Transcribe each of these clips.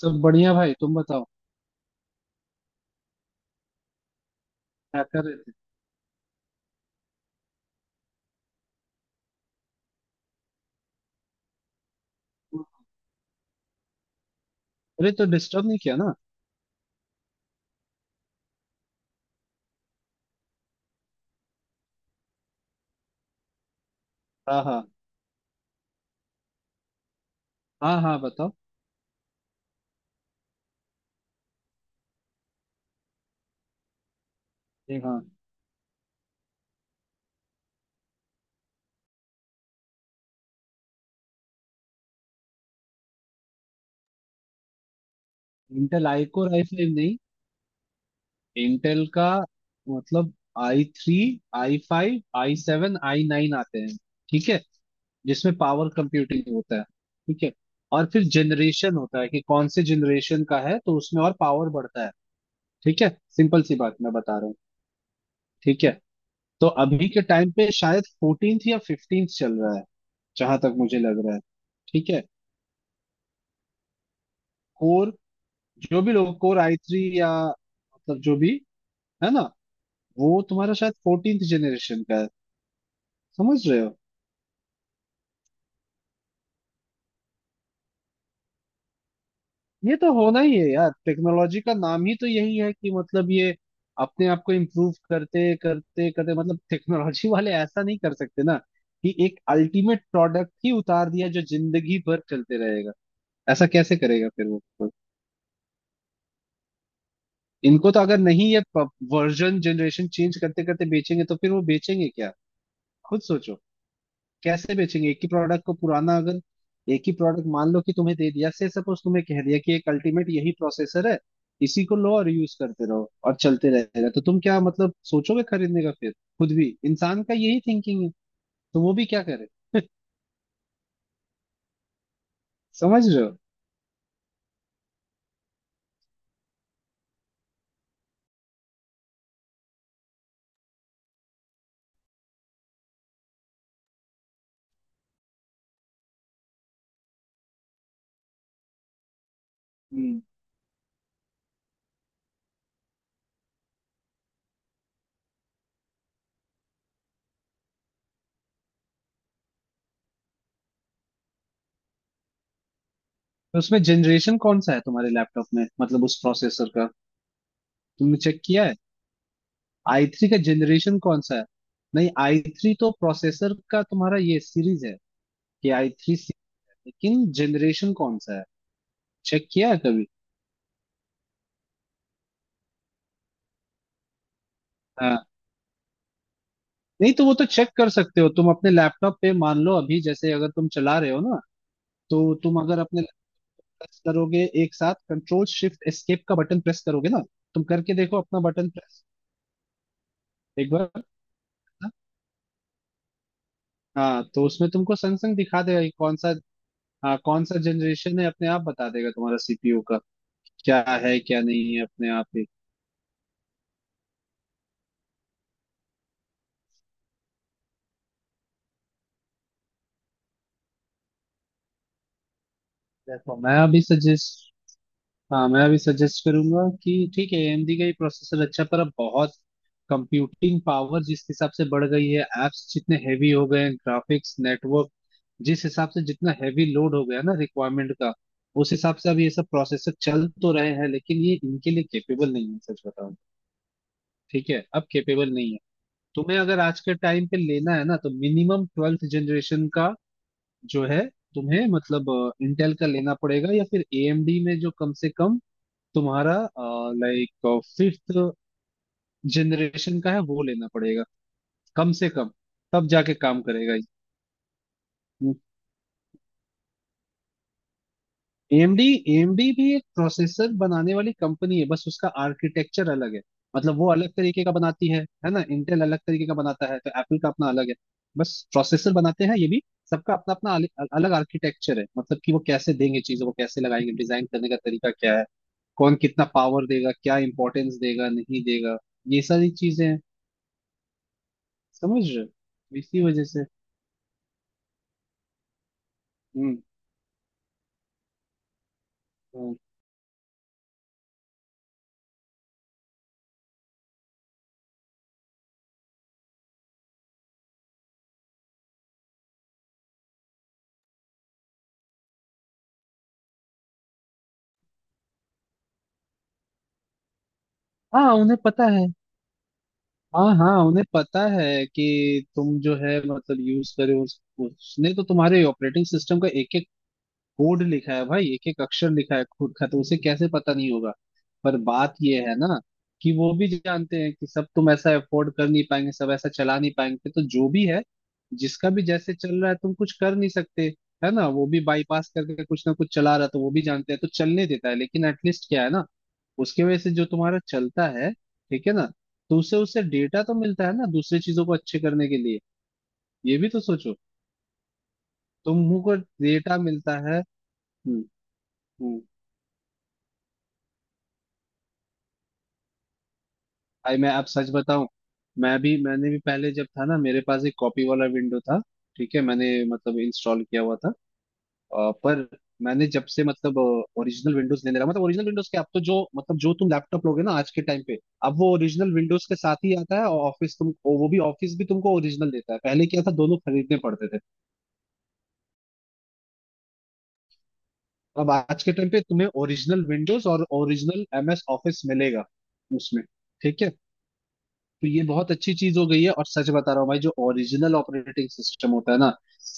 सब बढ़िया भाई, तुम बताओ क्या कर रहे थे। अरे तो डिस्टर्ब नहीं किया ना? हाँ हाँ, हाँ हाँ बताओ। एक, हाँ। Intel I core I five नहीं, इंटेल का मतलब I three, I five, I seven, I nine आते हैं। ठीक है। जिसमें पावर कंप्यूटिंग होता है, ठीक है। और फिर जनरेशन होता है कि कौन से जनरेशन का है, तो उसमें और पावर बढ़ता है। ठीक है, सिंपल सी बात मैं बता रहा हूँ। ठीक है। तो अभी के टाइम पे शायद 14 या 15 चल रहा है, जहां तक मुझे लग रहा है। ठीक है। कोर, जो भी लोग कोर आई थ्री या मतलब जो भी, है ना, वो तुम्हारा शायद 14th जनरेशन का है, समझ रहे हो। ये तो होना ही है यार, टेक्नोलॉजी का नाम ही तो यही है कि मतलब ये अपने आप को इम्प्रूव करते करते करते मतलब टेक्नोलॉजी वाले ऐसा नहीं कर सकते ना, कि एक अल्टीमेट प्रोडक्ट ही उतार दिया जो जिंदगी भर चलते रहेगा। ऐसा कैसे करेगा फिर वो कोई? इनको तो अगर नहीं, ये वर्जन जनरेशन चेंज करते करते बेचेंगे तो फिर वो बेचेंगे क्या, खुद सोचो। कैसे बेचेंगे एक ही प्रोडक्ट को पुराना अगर। एक ही प्रोडक्ट मान लो कि तुम्हें दे दिया, से सपोज तुम्हें कह दिया कि एक अल्टीमेट यही प्रोसेसर है, इसी को लो और यूज करते रहो और चलते रहेगा, तो तुम क्या मतलब सोचोगे खरीदने का फिर। खुद भी इंसान का यही थिंकिंग है, तो वो भी क्या करे, समझ रहे हो। हम्म। तो उसमें जनरेशन कौन सा है तुम्हारे लैपटॉप में, मतलब उस प्रोसेसर का, तुमने चेक किया है? आई थ्री का जनरेशन कौन सा है? नहीं, आई थ्री तो प्रोसेसर का तुम्हारा ये सीरीज है कि आई थ्री, लेकिन जनरेशन कौन सा है, चेक किया है कभी? हाँ, नहीं तो वो तो चेक कर सकते हो तुम अपने लैपटॉप पे, मान लो अभी जैसे अगर तुम चला रहे हो ना, तो तुम अगर अपने प्रेस करोगे एक साथ कंट्रोल शिफ्ट एस्केप का बटन प्रेस करोगे ना, तुम करके देखो अपना बटन प्रेस एक बार। हाँ, तो उसमें तुमको संग संग दिखा देगा कि कौन सा। हाँ कौन सा जनरेशन है अपने आप बता देगा तुम्हारा सीपीयू का। क्या है क्या नहीं है अपने आप ही। देखो मैं अभी सजेस्ट, हाँ मैं अभी सजेस्ट करूंगा कि ठीक है एएमडी का ही प्रोसेसर अच्छा, पर अब बहुत कंप्यूटिंग पावर जिस हिसाब से बढ़ गई है, एप्स जितने हैवी हो गए हैं, ग्राफिक्स नेटवर्क जिस हिसाब से जितना हैवी लोड हो गया ना रिक्वायरमेंट का, उस हिसाब से अब ये सब प्रोसेसर चल तो रहे हैं लेकिन ये इनके लिए केपेबल नहीं है, सच बताऊं। ठीक है, अब केपेबल नहीं है। तुम्हें अगर आज के टाइम पे लेना है ना, तो मिनिमम 12th जनरेशन का जो है, तुम्हें मतलब इंटेल का लेना पड़ेगा, या फिर एएमडी में जो कम से कम तुम्हारा, लाइक, 5th जनरेशन का है वो लेना पड़ेगा, कम से कम, तब जाके काम करेगा। ये एएमडी, एएमडी भी एक प्रोसेसर बनाने वाली कंपनी है, बस उसका आर्किटेक्चर अलग है, मतलब वो अलग तरीके का बनाती है ना। इंटेल अलग तरीके का बनाता है, तो एप्पल का अपना अलग है। बस प्रोसेसर बनाते हैं ये भी। सबका अपना अपना अलग आर्किटेक्चर है, मतलब कि वो कैसे देंगे, चीजों को कैसे लगाएंगे, डिजाइन करने का तरीका क्या है, कौन कितना पावर देगा, क्या इंपॉर्टेंस देगा नहीं देगा, ये सारी चीजें हैं, समझ रहे हो, इसी वजह से। हम्म हम्म। हाँ, उन्हें पता है। हाँ हाँ, उन्हें पता है कि तुम जो है मतलब यूज करे उसने तो तुम्हारे ऑपरेटिंग सिस्टम का एक एक कोड लिखा है भाई, एक एक अक्षर लिखा है खुद का, तो उसे कैसे पता नहीं होगा। पर बात ये है ना कि वो भी जानते हैं कि सब तुम ऐसा अफोर्ड कर नहीं पाएंगे, सब ऐसा चला नहीं पाएंगे, तो जो भी है, जिसका भी जैसे चल रहा है, तुम कुछ कर नहीं सकते, है ना। वो भी बाईपास करके कुछ ना कुछ चला रहा है, तो वो भी जानते हैं, तो चलने देता है, लेकिन एटलीस्ट क्या है ना, उसके वजह से जो तुम्हारा चलता है, ठीक है ना, तो उससे उससे डेटा तो मिलता है ना दूसरी चीजों को अच्छे करने के लिए, ये भी तो सोचो। तुम को डेटा मिलता है। हम्म हम्म। भाई मैं अब सच बताऊं, मैंने भी पहले, जब था ना, मेरे पास एक कॉपी वाला विंडो था, ठीक है, मैंने मतलब इंस्टॉल किया हुआ था। पर मैंने जब से मतलब ओरिजिनल विंडोज लेने लगा, मतलब ओरिजिनल विंडोज के, अब तो जो मतलब जो तुम लैपटॉप लोगे ना आज के टाइम पे, अब वो ओरिजिनल विंडोज के साथ ही आता है, और ऑफिस तुम वो भी ऑफिस भी तुमको ओरिजिनल देता है। पहले क्या था, दोनों खरीदने पड़ते थे। अब आज के टाइम पे तुम्हें ओरिजिनल विंडोज और ओरिजिनल एमएस ऑफिस मिलेगा उसमें, ठीक है। तो ये बहुत अच्छी चीज हो गई है। और सच बता रहा हूँ भाई, जो ओरिजिनल ऑपरेटिंग सिस्टम होता है ना,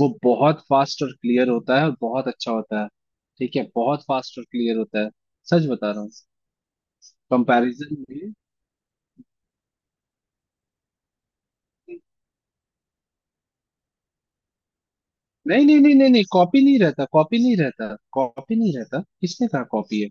वो बहुत फास्ट और क्लियर होता है, और बहुत अच्छा होता है। ठीक है, बहुत फास्ट और क्लियर होता है, सच बता रहा हूँ, कंपैरिजन में। नहीं नहीं नहीं नहीं नहीं, कॉपी नहीं रहता, कॉपी नहीं रहता, कॉपी नहीं रहता, किसने कहा कॉपी है।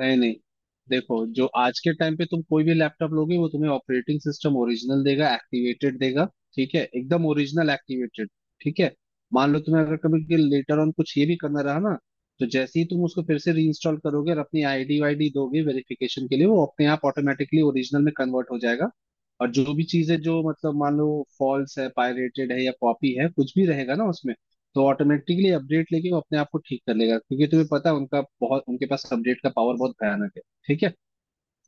नहीं नहीं, देखो जो आज के टाइम पे तुम कोई भी लैपटॉप लोगे, वो तुम्हें ऑपरेटिंग सिस्टम ओरिजिनल देगा, एक्टिवेटेड देगा। ठीक है, एकदम ओरिजिनल एक्टिवेटेड, ठीक है। मान लो तुम्हें अगर कभी लेटर ऑन कुछ ये भी करना रहा ना, तो जैसे ही तुम उसको फिर से रीइंस्टॉल करोगे और अपनी आईडी वाईडी दोगे वेरिफिकेशन के लिए, वो अपने आप ऑटोमेटिकली ओरिजिनल में कन्वर्ट हो जाएगा। और जो भी चीजें जो मतलब, मान लो फॉल्स है, पायरेटेड है, या कॉपी है, कुछ भी रहेगा ना उसमें, तो ऑटोमेटिकली अपडेट लेके वो अपने आप को ठीक कर लेगा, क्योंकि तुम्हें पता है उनका बहुत, उनके पास अपडेट का पावर बहुत भयानक है, ठीक है,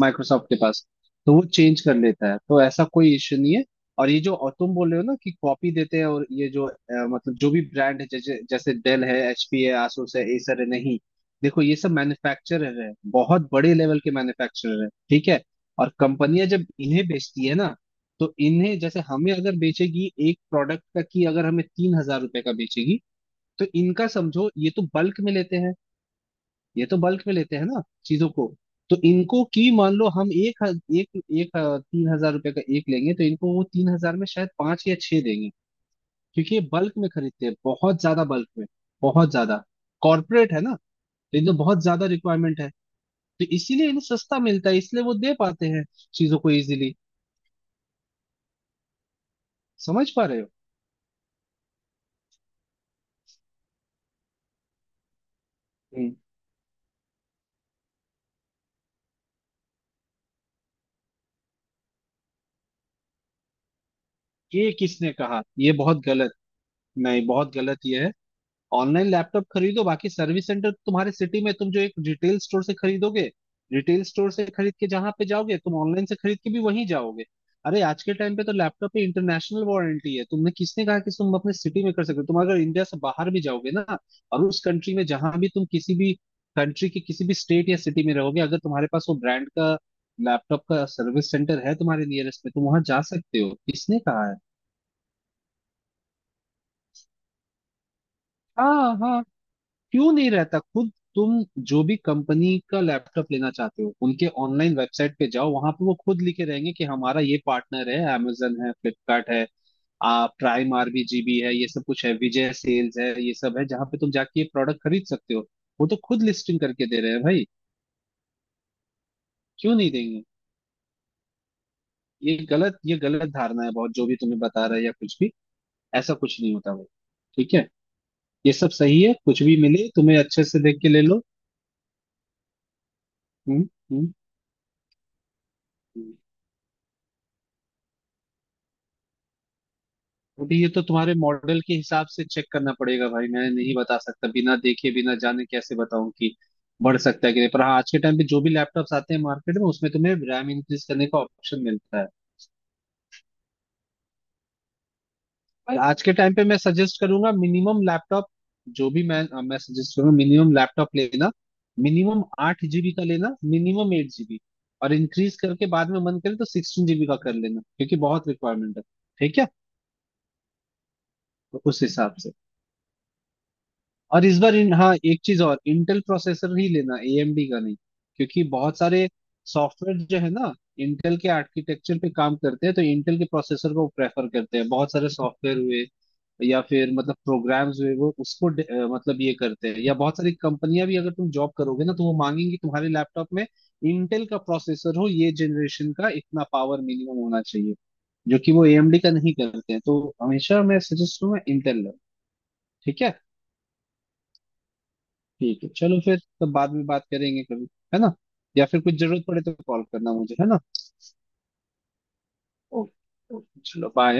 माइक्रोसॉफ्ट के पास। तो वो चेंज कर लेता है, तो ऐसा कोई इश्यू नहीं है। और ये जो, और तुम बोल रहे हो ना कि कॉपी देते हैं, और ये जो मतलब जो भी ब्रांड है, जैसे जैसे डेल है, एचपी है, asus है, acer है, नहीं देखो ये सब मैन्युफैक्चरर है, बहुत बड़े लेवल के मैन्युफैक्चरर है, ठीक है। और कंपनियां जब इन्हें बेचती है ना, तो इन्हें, जैसे हमें अगर बेचेगी एक प्रोडक्ट का, की अगर हमें तीन हजार रुपए का बेचेगी, तो इनका समझो ये तो बल्क में लेते हैं, ये तो बल्क में लेते हैं ना चीजों को। तो इनको, की मान लो हम एक एक एक 3,000 रुपए का एक लेंगे, तो इनको वो 3,000 में शायद पांच या छह देंगे, क्योंकि ये बल्क में खरीदते हैं, बहुत ज्यादा बल्क में, बहुत ज्यादा। कॉर्पोरेट है ना, तो इनको बहुत ज्यादा रिक्वायरमेंट है, तो इसीलिए इन्हें सस्ता मिलता है, इसलिए वो दे पाते हैं चीजों को इजीली, समझ पा रहे हो। हम्म। ये किसने कहा, ये बहुत गलत। नहीं, बहुत गलत ये है। ऑनलाइन लैपटॉप खरीदो, बाकी सर्विस सेंटर तुम्हारे सिटी में, तुम जो एक रिटेल स्टोर से खरीदोगे, रिटेल स्टोर से खरीद के जहां पे जाओगे, तुम ऑनलाइन से खरीद के भी वहीं जाओगे। अरे आज के टाइम पे तो लैपटॉप पे इंटरनेशनल वारंटी है, तुमने, किसने कहा कि तुम अपने सिटी में कर सकते हो? तुम अगर इंडिया से बाहर भी जाओगे ना, और उस कंट्री में जहां भी तुम, किसी भी कंट्री के किसी भी स्टेट या सिटी में रहोगे, अगर तुम्हारे पास वो ब्रांड का लैपटॉप का सर्विस सेंटर है तुम्हारे नियरेस्ट में, तुम वहां जा सकते हो, किसने कहा है। हाँ हाँ, क्यों नहीं रहता, खुद तुम जो भी कंपनी का लैपटॉप लेना चाहते हो उनके ऑनलाइन वेबसाइट पे जाओ, वहां पे वो खुद लिखे रहेंगे कि हमारा ये पार्टनर है, amazon है, फ्लिपकार्ट है, प्राइम आरबीजीबी है, ये सब कुछ है, विजय सेल्स है, ये सब है, जहां पे तुम जाके ये प्रोडक्ट खरीद सकते हो। वो तो खुद लिस्टिंग करके दे रहे हैं भाई, क्यों नहीं देंगे। ये गलत, ये गलत धारणा है, बहुत जो भी तुम्हें बता रहा है या कुछ भी, ऐसा कुछ नहीं होता भाई, ठीक है। ये सब सही है, कुछ भी मिले तुम्हें अच्छे से देख के ले लो। हम्म हम्म हम्म। अभी ये तो तुम्हारे मॉडल के हिसाब से चेक करना पड़ेगा भाई, मैं नहीं बता सकता, बिना देखे बिना जाने कैसे बताऊं कि बढ़ सकता है कि नहीं, पर हाँ, आज के टाइम पे जो भी लैपटॉप्स आते हैं मार्केट में, उसमें तुम्हें रैम इंक्रीज करने का ऑप्शन मिलता है। और आज के टाइम पे मैं सजेस्ट करूंगा मिनिमम लैपटॉप जो भी, मैं सजेस्ट करूंगा मिनिमम लैपटॉप लेना, मिनिमम 8 GB का लेना, मिनिमम 8 GB। और इंक्रीज करके बाद में मन करे तो 16 GB का कर लेना, क्योंकि बहुत रिक्वायरमेंट है, ठीक है। तो उस हिसाब से। और इस बार इन, हाँ एक चीज और, इंटेल प्रोसेसर ही लेना, एएमडी का नहीं, क्योंकि बहुत सारे सॉफ्टवेयर जो है ना इंटेल के आर्किटेक्चर पे काम करते हैं, तो इंटेल के प्रोसेसर को प्रेफर करते हैं बहुत सारे सॉफ्टवेयर हुए या फिर मतलब प्रोग्राम्स हुए, वो उसको मतलब ये करते हैं, या बहुत सारी कंपनियां भी, अगर तुम जॉब करोगे ना तो वो मांगेंगी तुम्हारे लैपटॉप में इंटेल का प्रोसेसर हो, ये जनरेशन का इतना पावर मिनिमम होना चाहिए, जो कि वो एएमडी का नहीं करते हैं, तो हमेशा मैं सजेस्ट करूंगा इंटेल लो। ठीक है, ठीक है चलो, फिर तो बाद में बात करेंगे कभी, है ना, या फिर कुछ जरूरत पड़े तो कॉल करना मुझे, है ना। ओके ओके, चलो बाय।